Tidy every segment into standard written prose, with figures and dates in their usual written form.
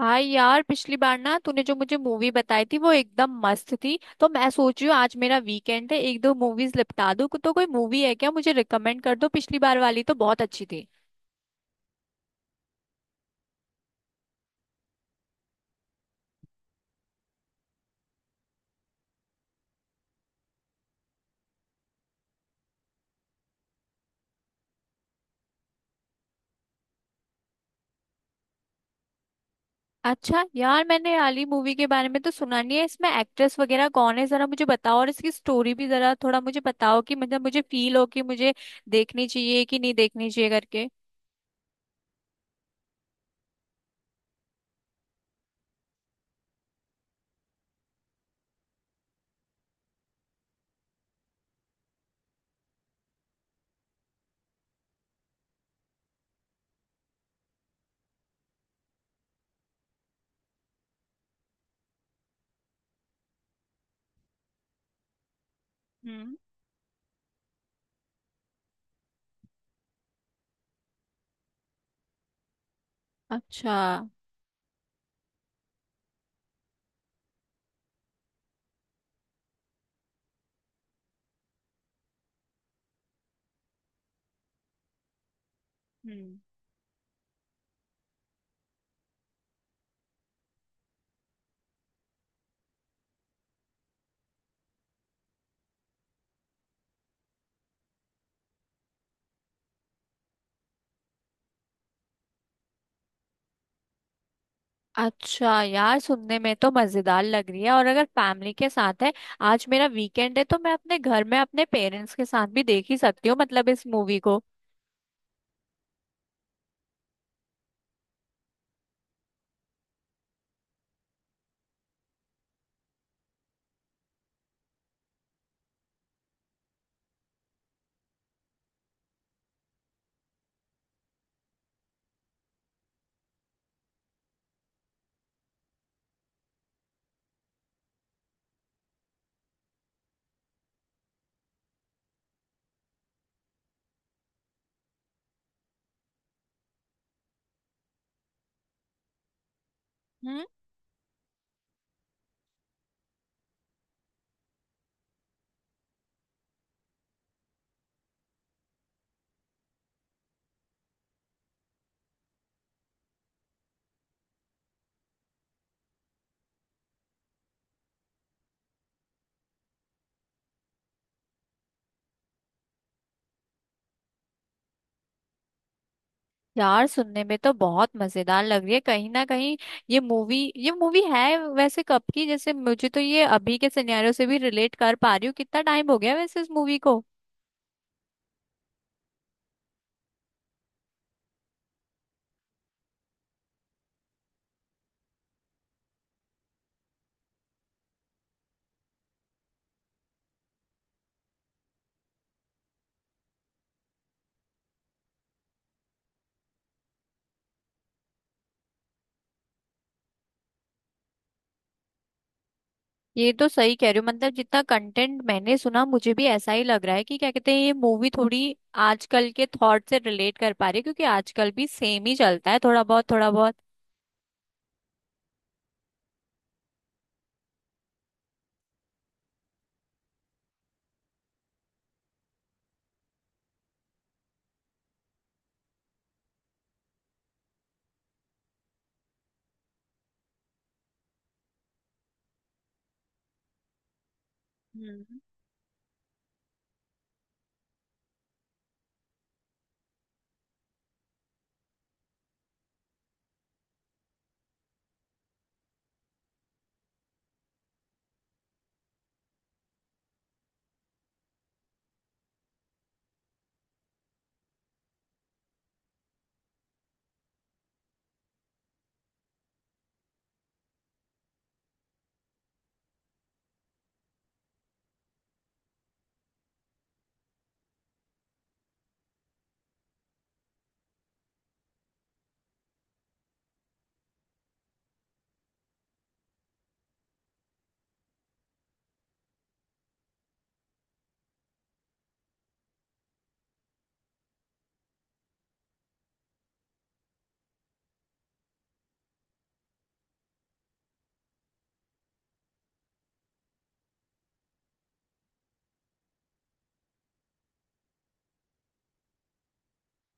हाँ यार, पिछली बार ना तूने जो मुझे मूवी बताई थी वो एकदम मस्त थी। तो मैं सोच रही हूँ, आज मेरा वीकेंड है, एक दो मूवीज निपटा दूँ। तो कोई मूवी है क्या? मुझे रिकमेंड कर दो। पिछली बार वाली तो बहुत अच्छी थी। अच्छा यार, मैंने आली मूवी के बारे में तो सुना नहीं है। इसमें एक्ट्रेस वगैरह कौन है जरा मुझे बताओ, और इसकी स्टोरी भी जरा थोड़ा मुझे बताओ कि मतलब मुझे फील हो कि मुझे देखनी चाहिए कि नहीं देखनी चाहिए करके। हम्म। अच्छा। अच्छा यार, सुनने में तो मजेदार लग रही है, और अगर फैमिली के साथ है, आज मेरा वीकेंड है तो मैं अपने घर में अपने पेरेंट्स के साथ भी देख ही सकती हूँ, मतलब इस मूवी को। हम्म। यार, सुनने में तो बहुत मजेदार लग रही है, कहीं ना कहीं। ये मूवी है वैसे कब की? जैसे मुझे तो ये अभी के सिनेरियो से भी रिलेट कर पा रही हूँ। कितना टाइम हो गया वैसे इस मूवी को? ये तो सही कह रही हो। मतलब जितना कंटेंट मैंने सुना, मुझे भी ऐसा ही लग रहा है कि क्या कहते हैं, ये मूवी थोड़ी आजकल के थॉट से रिलेट कर पा रही है, क्योंकि आजकल भी सेम ही चलता है थोड़ा बहुत थोड़ा बहुत। हम्म।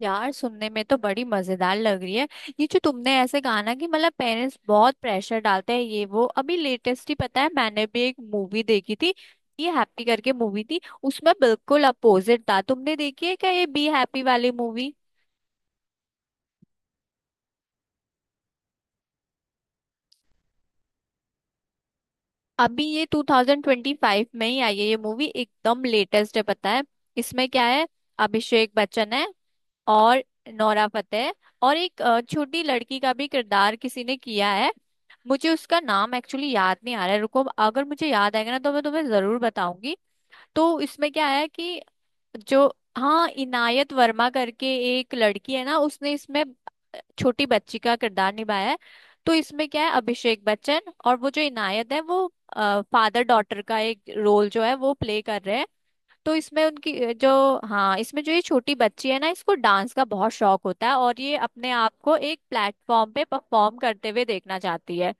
यार, सुनने में तो बड़ी मजेदार लग रही है। ये जो तुमने ऐसे कहा ना कि मतलब पेरेंट्स बहुत प्रेशर डालते हैं, ये वो अभी लेटेस्ट ही, पता है, मैंने भी एक मूवी देखी थी। ये हैप्पी करके मूवी थी, उसमें बिल्कुल अपोजिट था। तुमने देखी है क्या ये बी हैप्पी वाली मूवी? अभी ये 2025 में ही आई है ये मूवी, एकदम लेटेस्ट है, पता है। इसमें क्या है, अभिषेक बच्चन है, और नोरा फतेही है, और एक छोटी लड़की का भी किरदार किसी ने किया है। मुझे उसका नाम एक्चुअली याद नहीं आ रहा है, रुको। अगर मुझे याद आएगा ना तो मैं तुम्हें जरूर बताऊंगी। तो इसमें क्या है कि जो, हाँ, इनायत वर्मा करके एक लड़की है ना, उसने इसमें छोटी बच्ची का किरदार निभाया है। तो इसमें क्या है, अभिषेक बच्चन और वो जो इनायत है, वो फादर डॉटर का एक रोल जो है वो प्ले कर रहे हैं। तो इसमें उनकी अ, जो हाँ, इसमें जो ये छोटी बच्ची है ना, इसको डांस का बहुत शौक होता है, और ये अपने आप को एक प्लेटफॉर्म पे परफॉर्म करते हुए देखना चाहती है।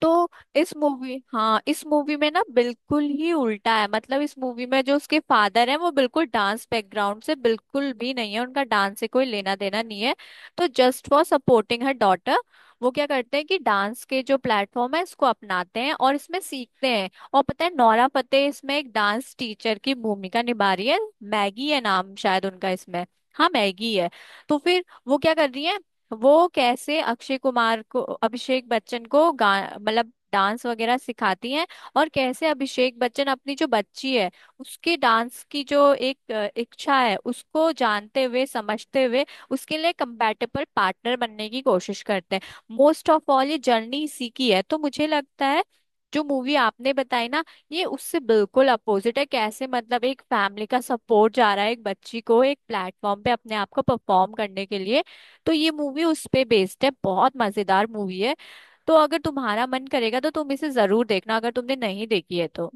तो इस मूवी हाँ, इस मूवी में ना बिल्कुल ही उल्टा है। मतलब इस मूवी में जो उसके फादर हैं वो बिल्कुल डांस बैकग्राउंड से बिल्कुल भी नहीं है, उनका डांस से कोई लेना देना नहीं है। तो just for supporting her daughter वो क्या करते हैं कि डांस के जो प्लेटफॉर्म है इसको अपनाते हैं और इसमें सीखते हैं। और पता है, नोरा फतेही इसमें एक डांस टीचर की भूमिका निभा रही है। मैगी है नाम शायद उनका इसमें। हाँ, मैगी है। तो फिर वो क्या कर रही है, वो कैसे अक्षय कुमार को, अभिषेक बच्चन को गा मतलब डांस वगैरह सिखाती हैं। और कैसे अभिषेक बच्चन अपनी जो बच्ची है उसकी डांस की जो एक इच्छा है, उसको जानते हुए समझते हुए उसके लिए कंपैटिबल पार्टनर बनने की कोशिश करते हैं। मोस्ट ऑफ ऑल ये जर्नी इसी की है, तो मुझे लगता है जो मूवी आपने बताई ना, ये उससे बिल्कुल अपोजिट है। कैसे मतलब एक फैमिली का सपोर्ट जा रहा है एक बच्ची को, एक प्लेटफॉर्म पे अपने आप को परफॉर्म करने के लिए। तो ये मूवी उस पे बेस्ड है, बहुत मजेदार मूवी है। तो अगर तुम्हारा मन करेगा तो तुम इसे जरूर देखना, अगर तुमने नहीं देखी है तो।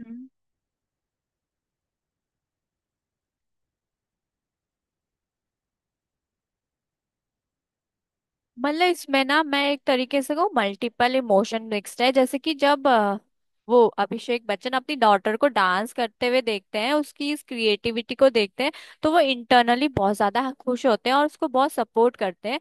हम्म। मतलब इसमें ना, मैं एक तरीके से कहूँ, मल्टीपल इमोशन मिक्स्ड है। जैसे कि जब वो अभिषेक बच्चन अपनी डॉटर को डांस करते हुए देखते हैं, उसकी इस क्रिएटिविटी को देखते हैं, तो वो इंटरनली बहुत ज्यादा खुश होते हैं और उसको बहुत सपोर्ट करते हैं।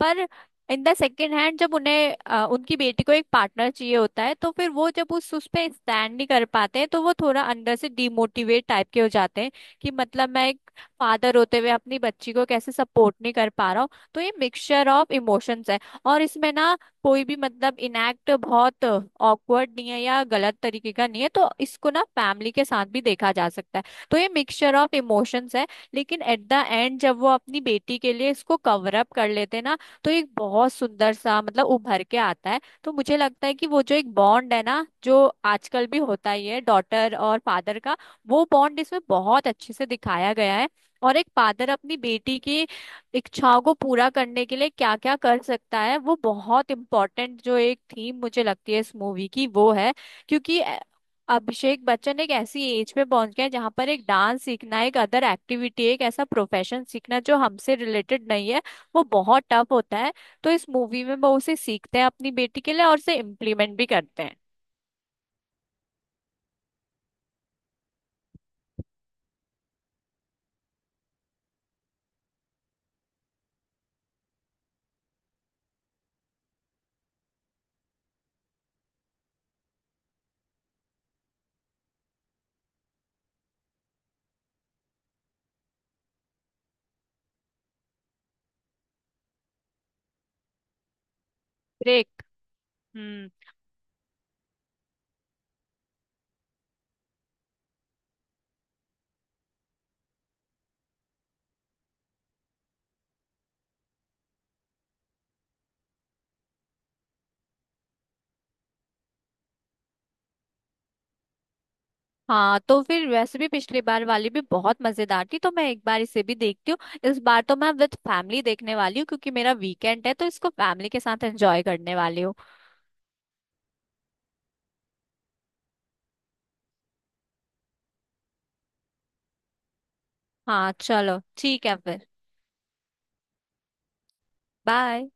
पर इन द सेकेंड हैंड, जब उन्हें उनकी बेटी को एक पार्टनर चाहिए होता है, तो फिर वो जब उस पे स्टैंड नहीं कर पाते हैं, तो वो थोड़ा अंदर से डिमोटिवेट टाइप के हो जाते हैं कि मतलब मैं एक फादर होते हुए अपनी बच्ची को कैसे सपोर्ट नहीं कर पा रहा हूँ। तो ये मिक्सचर ऑफ इमोशंस है। और इसमें ना कोई भी मतलब इनएक्ट बहुत ऑकवर्ड नहीं है या गलत तरीके का नहीं है, तो इसको ना फैमिली के साथ भी देखा जा सकता है। तो ये मिक्सचर ऑफ इमोशंस है। लेकिन एट द एंड जब वो अपनी बेटी के लिए इसको कवर अप कर लेते हैं ना, तो एक बहुत सुंदर सा मतलब उभर के आता है। तो मुझे लगता है कि वो जो एक बॉन्ड है ना, जो आजकल भी होता ही है, डॉटर और फादर का, वो बॉन्ड इसमें बहुत अच्छे से दिखाया गया है। और एक फादर अपनी बेटी की इच्छाओं को पूरा करने के लिए क्या क्या कर सकता है, वो बहुत इम्पोर्टेंट जो एक थीम मुझे लगती है इस मूवी की, वो है। क्योंकि अभिषेक बच्चन एक ऐसी एज पे पहुंच गया है जहाँ पर एक डांस सीखना, एक अदर एक्टिविटी, एक ऐसा प्रोफेशन सीखना जो हमसे रिलेटेड नहीं है, वो बहुत टफ होता है। तो इस मूवी में वो उसे सीखते हैं अपनी बेटी के लिए, और उसे इम्प्लीमेंट भी करते हैं। ब्रेक। हम्म। हाँ, तो फिर वैसे भी पिछली बार वाली भी बहुत मजेदार थी, तो मैं एक बार इसे भी देखती हूँ। इस बार तो मैं विद फैमिली देखने वाली हूँ क्योंकि मेरा वीकेंड है, तो इसको फैमिली के साथ एंजॉय करने वाली हूँ। हाँ, चलो ठीक है फिर। बाय।